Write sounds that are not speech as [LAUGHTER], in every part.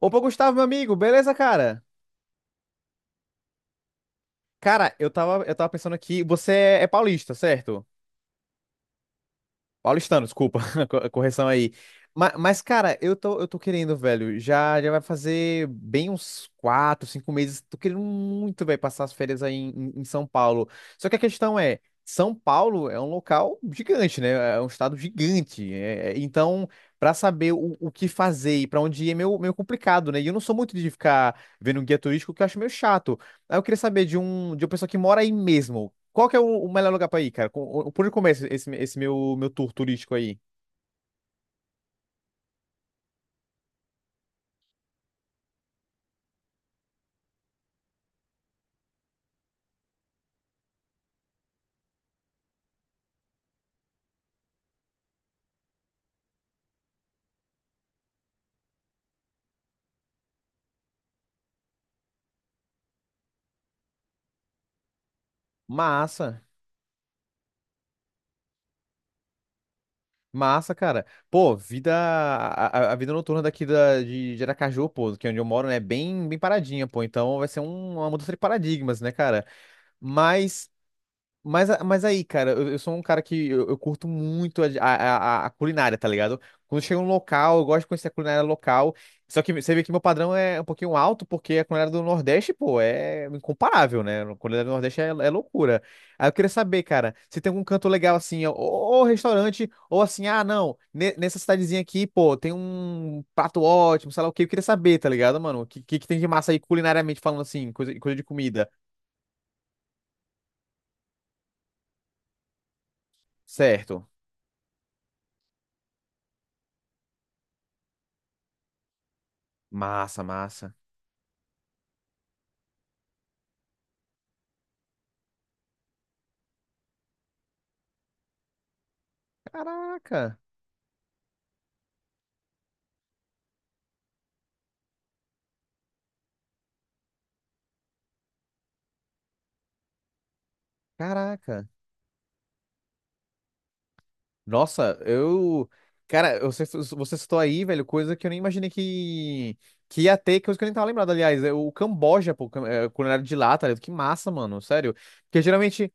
Opa, Gustavo, meu amigo, beleza, cara? Cara, eu tava pensando aqui, você é paulista, certo? Paulistano, desculpa, [LAUGHS] correção aí. Mas, cara, eu tô querendo, velho. Já vai fazer bem uns quatro, cinco meses. Tô querendo muito, velho, passar as férias aí em São Paulo. Só que a questão é, São Paulo é um local gigante, né? É um estado gigante. Então, pra saber o que fazer e pra onde ir é meio complicado, né? E eu não sou muito de ficar vendo um guia turístico, que eu acho meio chato. Aí eu queria saber de uma pessoa que mora aí mesmo. Qual que é o melhor lugar pra ir, cara? Por onde começa esse meu tour turístico aí? Massa. Massa, cara. Pô, vida. A vida noturna daqui de Aracaju, pô, que é onde eu moro, né? É bem paradinha, pô. Então vai ser uma mudança de paradigmas, né, cara? Mas. Mas aí, cara, eu sou um cara que eu curto muito a culinária, tá ligado? Quando chega um local, eu gosto de conhecer a culinária local. Só que você vê que meu padrão é um pouquinho alto, porque a culinária do Nordeste, pô, é incomparável, né? A culinária do Nordeste é loucura. Aí eu queria saber, cara, se tem algum canto legal assim, ou restaurante, ou assim, ah, não, nessa cidadezinha aqui, pô, tem um prato ótimo, sei lá o quê. Eu queria saber, tá ligado, mano? O que tem de massa aí culinariamente falando assim, coisa de comida. Certo. Massa, massa. Caraca, caraca. Nossa, eu. Cara, você citou aí, velho, coisa que eu nem imaginei que ia ter, coisa que eu nem tava lembrado, aliás. É o Camboja, pô, culinária de lá, tá ligado? Que massa, mano, sério. Porque geralmente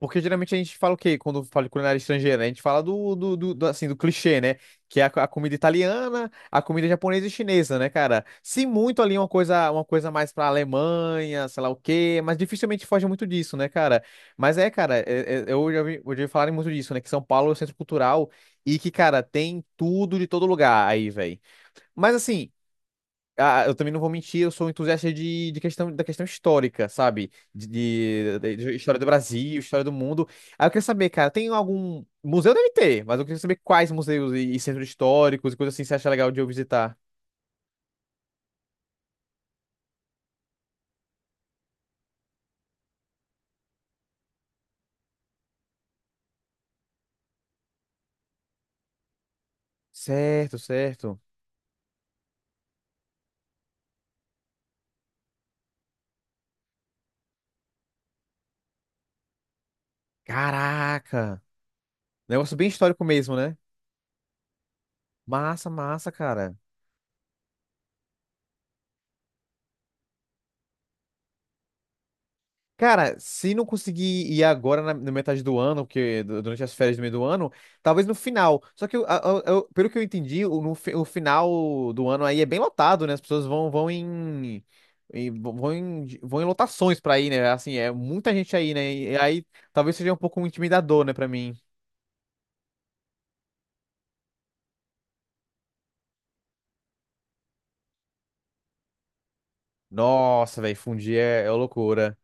Porque geralmente a gente fala o quê? Quando fala de culinária estrangeira, né? A gente fala do, assim, do clichê, né? Que é a comida italiana, a comida japonesa e chinesa, né, cara? Se muito ali uma coisa mais pra Alemanha, sei lá o quê, mas dificilmente foge muito disso, né, cara? Mas é, cara, eu já ouvi, ouvi falarem muito disso, né? Que São Paulo é o centro cultural e que, cara, tem tudo de todo lugar aí, velho. Mas assim, ah, eu também não vou mentir, eu sou um entusiasta de questão, da questão histórica, sabe? De história do Brasil, história do mundo. Aí eu queria saber, cara, tem algum. Museu deve ter, mas eu queria saber quais museus e centros históricos e coisas assim você acha legal de eu visitar. Certo, certo. Caraca! Negócio bem histórico mesmo, né? Massa, massa, cara. Cara, se não conseguir ir agora na metade do ano, porque durante as férias do meio do ano, talvez no final. Só que, pelo que eu entendi, o, no fi- o final do ano aí é bem lotado, né? As pessoas vão, vão em, em- vão em, vão em lotações pra ir, né? Assim, é muita gente aí, né? E aí talvez seja um pouco intimidador, né, pra mim. Nossa, velho, fundir é loucura.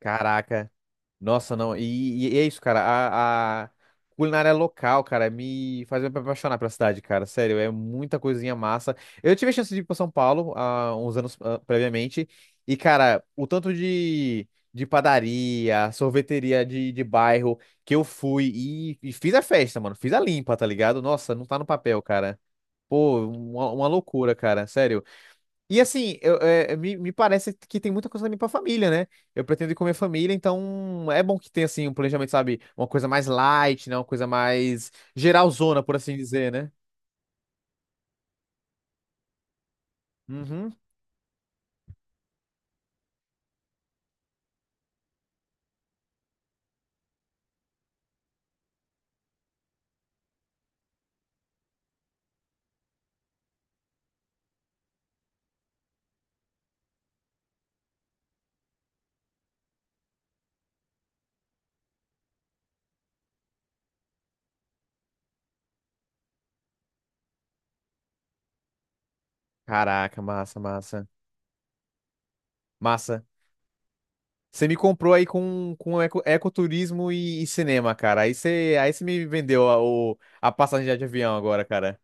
Caraca. Nossa, não. E é isso, cara. A culinária local, cara, me faz me apaixonar pela cidade, cara. Sério, é muita coisinha massa. Eu tive a chance de ir pra São Paulo há uns anos ah, previamente. E, cara, o tanto de padaria, sorveteria de bairro que eu fui e fiz a festa, mano. Fiz a limpa, tá ligado? Nossa, não tá no papel, cara. Pô, uma loucura, cara. Sério. E assim, eu, me parece que tem muita coisa também pra família, né? Eu pretendo ir com a minha família, então é bom que tenha, assim, um planejamento, sabe? Uma coisa mais light, né? Uma coisa mais geralzona, por assim dizer, né? Uhum. Caraca, massa, massa. Massa. Você me comprou aí com ecoturismo e cinema, cara. Aí você me vendeu a passagem de avião agora, cara.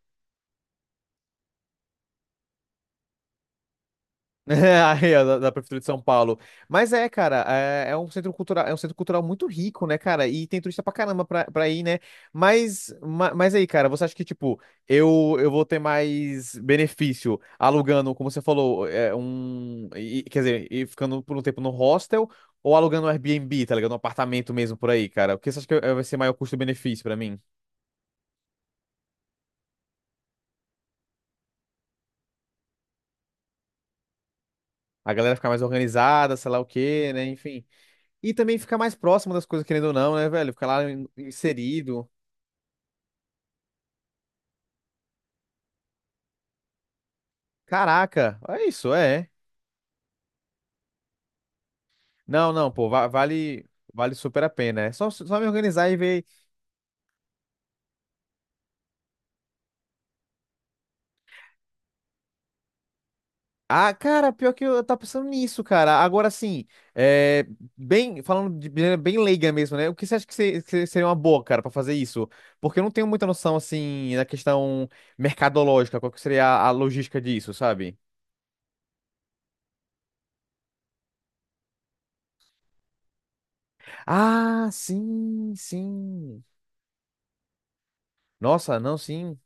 [LAUGHS] Aí, ó, da Prefeitura de São Paulo. Mas é, cara, é, é um centro cultural, é um centro cultural muito rico, né, cara? E tem turista pra caramba pra ir, né? Mas, mas aí, cara, você acha que, tipo, eu vou ter mais benefício alugando, como você falou, quer dizer, e ficando por um tempo no hostel ou alugando um Airbnb, tá ligado? Um apartamento mesmo por aí, cara? O que você acha que vai ser maior custo-benefício pra mim? A galera ficar mais organizada, sei lá o quê, né? Enfim. E também ficar mais próximo das coisas, querendo ou não, né, velho? Ficar lá inserido. Caraca, é isso, é. Não, não, pô, vale super a pena. É só me organizar e ver. Ah, cara, pior que eu tava pensando nisso, cara. Agora sim, é, bem, falando de maneira bem leiga mesmo, né? O que você acha que, que seria uma boa, cara, pra fazer isso? Porque eu não tenho muita noção, assim, da questão mercadológica, qual que seria a logística disso, sabe? Ah, sim, sim. Nossa, não, sim.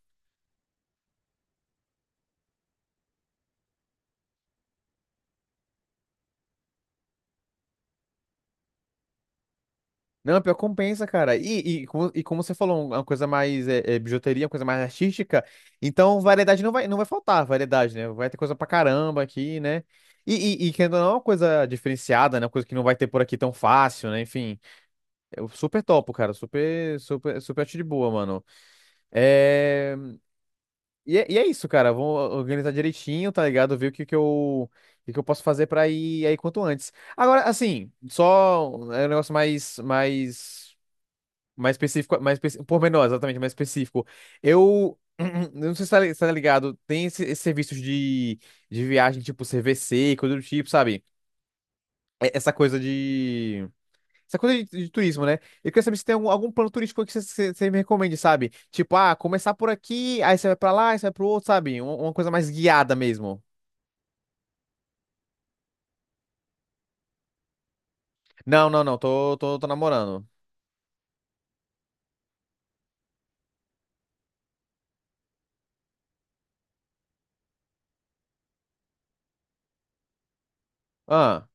Não, pior que compensa, cara. E, e como você falou, uma coisa mais bijuteria, uma coisa mais artística, então variedade não vai faltar, variedade, né? Vai ter coisa pra caramba aqui, né? E querendo ou não, é uma coisa diferenciada, né? Uma coisa que não vai ter por aqui tão fácil, né? Enfim, eu super topo, cara. Super acho de boa, mano. É... E, e é isso, cara. Vou organizar direitinho, tá ligado? Ver o que que eu posso fazer pra ir aí quanto antes. Agora, assim, é um negócio mais específico, pormenor, exatamente, mais específico. Eu, [CLEARS THROAT] eu não sei se tá, se tá ligado, tem esses serviços de viagem, tipo CVC, coisa do tipo, sabe? E- Essa coisa de. Essa coisa de turismo, né? Eu queria saber se tem algum plano turístico que você me recomende, sabe? Tipo, ah, começar por aqui, aí você vai pra lá, aí você vai pro outro, sabe? Uma coisa mais guiada mesmo. Não, tô namorando. Ah,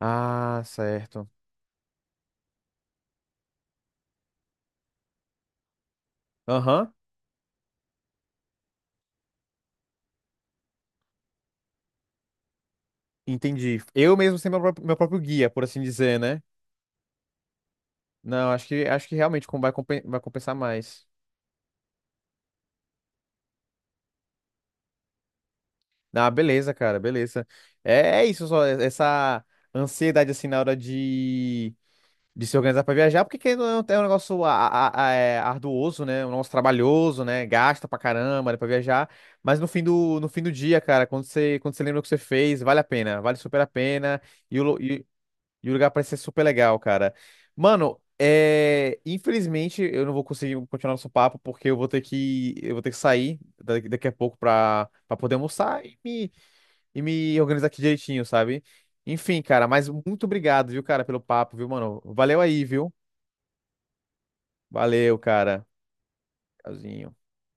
ah, certo. Aham, entendi. Eu mesmo ser meu próprio guia, por assim dizer, né? Não, acho que realmente vai compensar mais. Ah, beleza, cara, beleza. É, é isso só, essa ansiedade assim na hora de se organizar pra viajar, porque querendo ou não é um negócio arduoso, né? Um negócio trabalhoso, né? Gasta pra caramba, né, pra viajar. Mas no fim do dia, cara, quando você lembra o que você fez, vale a pena, vale super a pena. E o lugar parece ser super legal, cara. Mano, é... infelizmente eu não vou conseguir continuar nosso papo porque eu vou ter que eu vou ter que sair daqui a pouco pra, pra poder almoçar e me organizar aqui direitinho, sabe? Enfim, cara, mas muito obrigado, viu, cara, pelo papo, viu, mano? Valeu aí, viu? Valeu, cara. Tchauzinho.